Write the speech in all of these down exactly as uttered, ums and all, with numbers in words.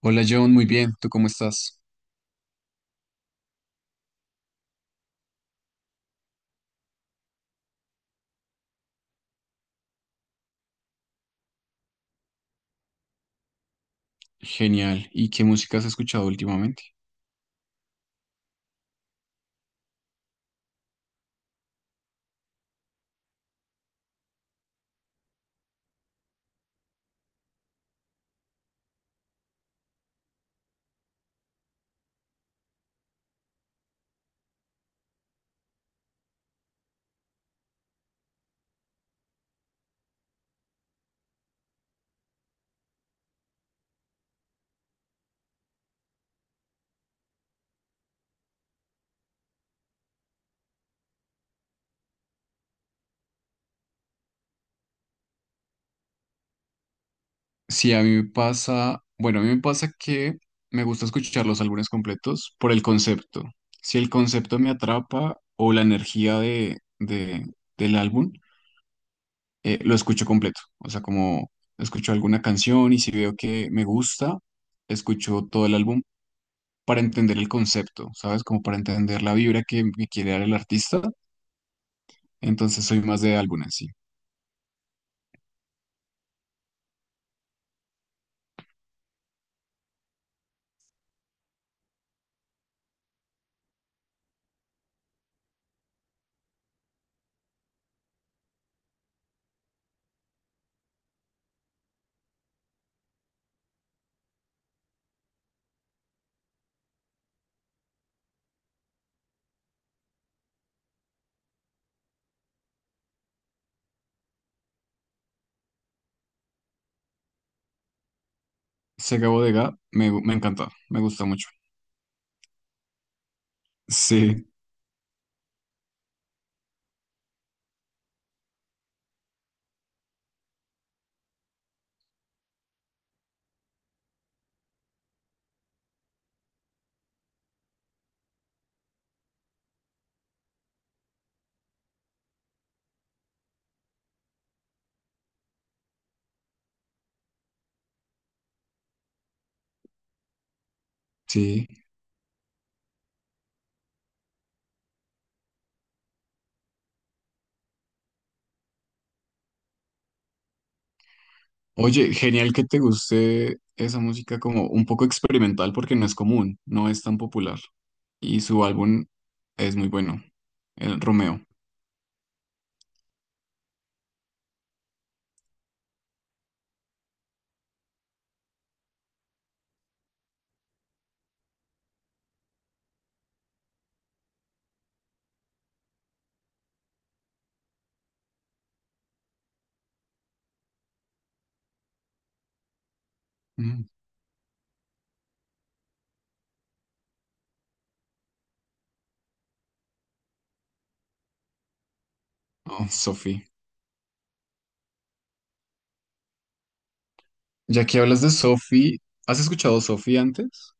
Hola John, muy bien, ¿tú cómo estás? Genial. ¿Y qué música has escuchado últimamente? Sí, a mí me pasa, bueno, a mí me pasa que me gusta escuchar los álbumes completos por el concepto. Si el concepto me atrapa o la energía de, de- del álbum, eh, lo escucho completo. O sea, como escucho alguna canción y si veo que me gusta, escucho todo el álbum para entender el concepto, ¿sabes? Como para entender la vibra que me quiere dar el artista. Entonces soy más de álbumes, sí. Se acabó de Ga, me, gu- Me encanta, me gusta mucho. Sí, sí. Oye, genial que te guste esa música como un poco experimental porque no es común, no es tan popular. Y su álbum es muy bueno, el Romeo. Mm. Oh, Sophie. Ya que hablas de Sophie, ¿has escuchado Sophie antes?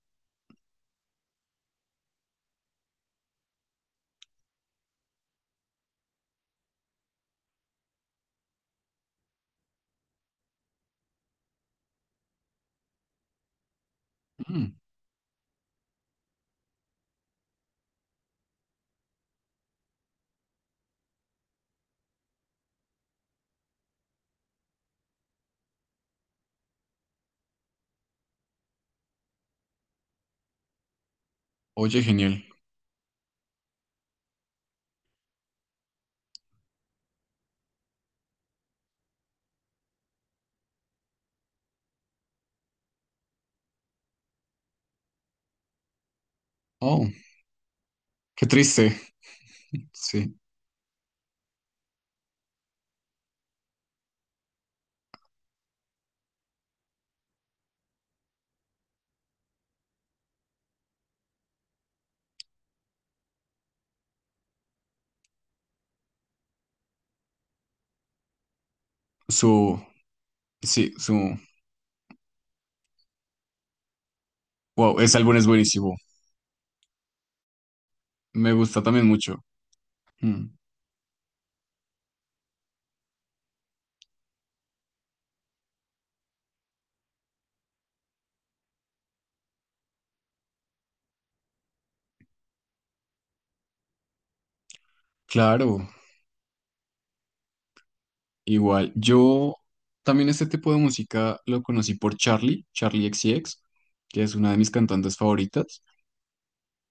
Mm. Oye, genial. Oh, qué triste. Sí, su, sí, su, wow, ese álbum es buenísimo. Me gusta también mucho. Mm. Claro. Igual, yo también este tipo de música lo conocí por Charlie, Charlie X C X, que es una de mis cantantes favoritas.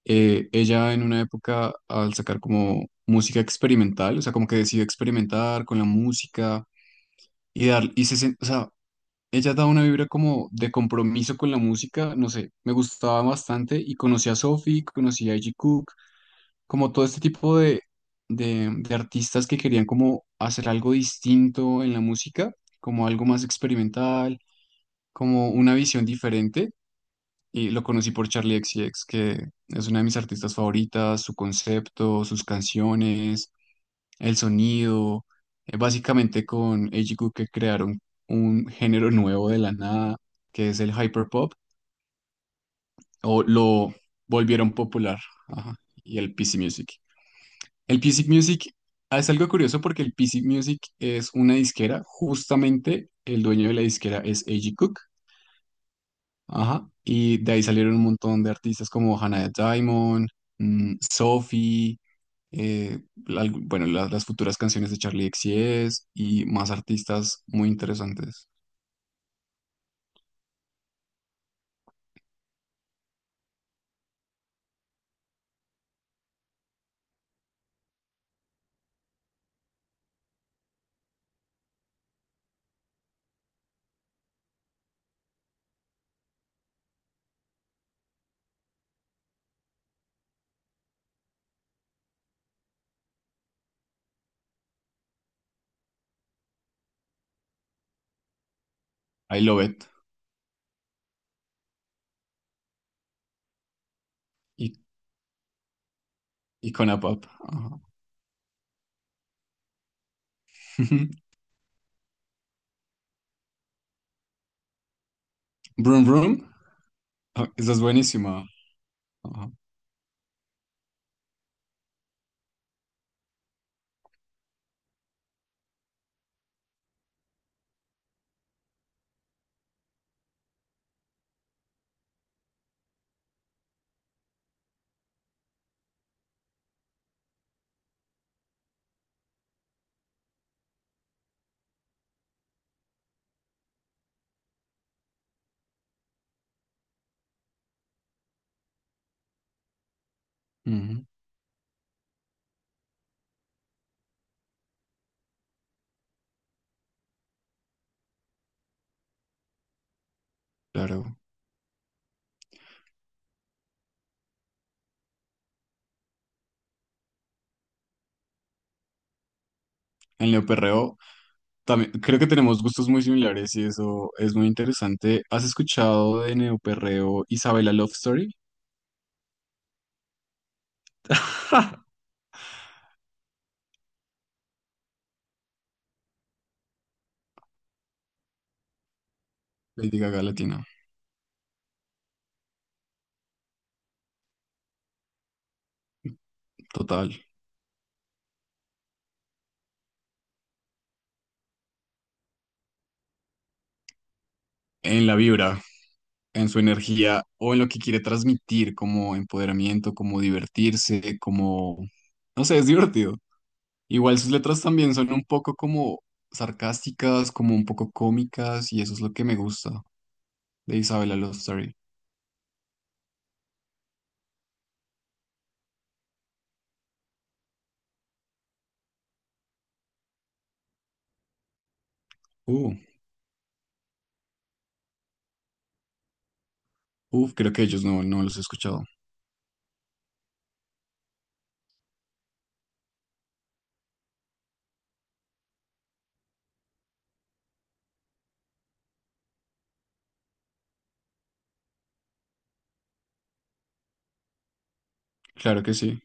Eh, ella en una época al sacar como música experimental, o sea, como que decidió experimentar con la música y dar, y se, sen- o sea, ella da una vibra como de compromiso con la música, no sé, me gustaba bastante y conocí a Sophie, conocí a Iggy como todo este tipo de, de, de artistas que querían como hacer algo distinto en la música, como algo más experimental, como una visión diferente. Y lo conocí por Charlie X C X, que es una de mis artistas favoritas, su concepto, sus canciones, el sonido, eh, básicamente con Ejiku que crearon un género nuevo de la nada, que es el hyperpop, o lo volvieron popular, ajá, y el P C Music. El P C Music ah, es algo curioso porque el P C Music es una disquera, justamente el dueño de la disquera es A G. Cook, ajá, y de ahí salieron un montón de artistas como Hannah Diamond, mm, Sophie, eh, la- bueno, la- las futuras canciones de Charlie X C X y más artistas muy interesantes. I Love It y, y Con A Pop, ajá. Vroom Vroom, ah, esa es buenísima, ajá, ujú, claro. En Neo También, creo que tenemos gustos muy similares y eso es muy interesante. ¿Has escuchado de Neoperreo Isabela Love Story? Lady Gaga Latina, total. En la vibra, en su energía o en lo que quiere transmitir como empoderamiento, como divertirse, como... No sé, es divertido. Igual sus letras también son un poco como sarcásticas, como un poco cómicas y eso es lo que me gusta de Isabela Love Story. Uh, uf, creo que ellos no, no los he escuchado. Claro que sí.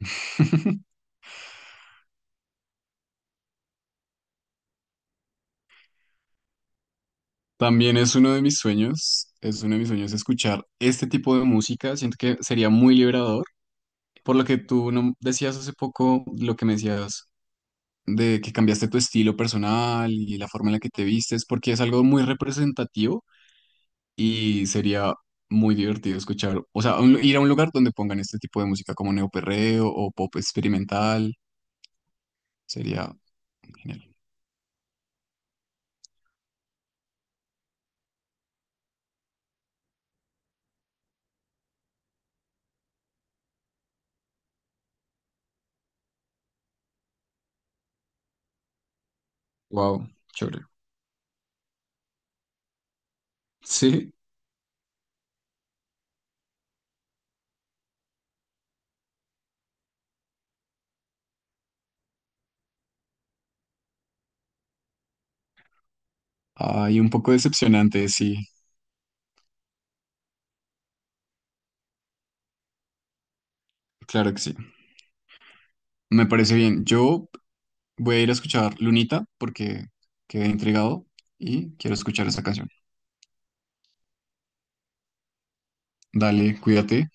También es uno de mis sueños, es uno de mis sueños escuchar este tipo de música. Siento que sería muy liberador. Por lo que tú no- decías hace poco, lo que me decías de que cambiaste tu estilo personal y la forma en la que te vistes, porque es algo muy representativo y sería muy divertido escuchar. O sea, un lu- ir a un lugar donde pongan este tipo de música como neoperreo o pop experimental sería genial. Wow, chévere. Sí, hay un poco decepcionante, sí, claro que sí. Me parece bien. Yo. Voy a ir a escuchar Lunita porque quedé intrigado y quiero escuchar esa canción. Dale, cuídate.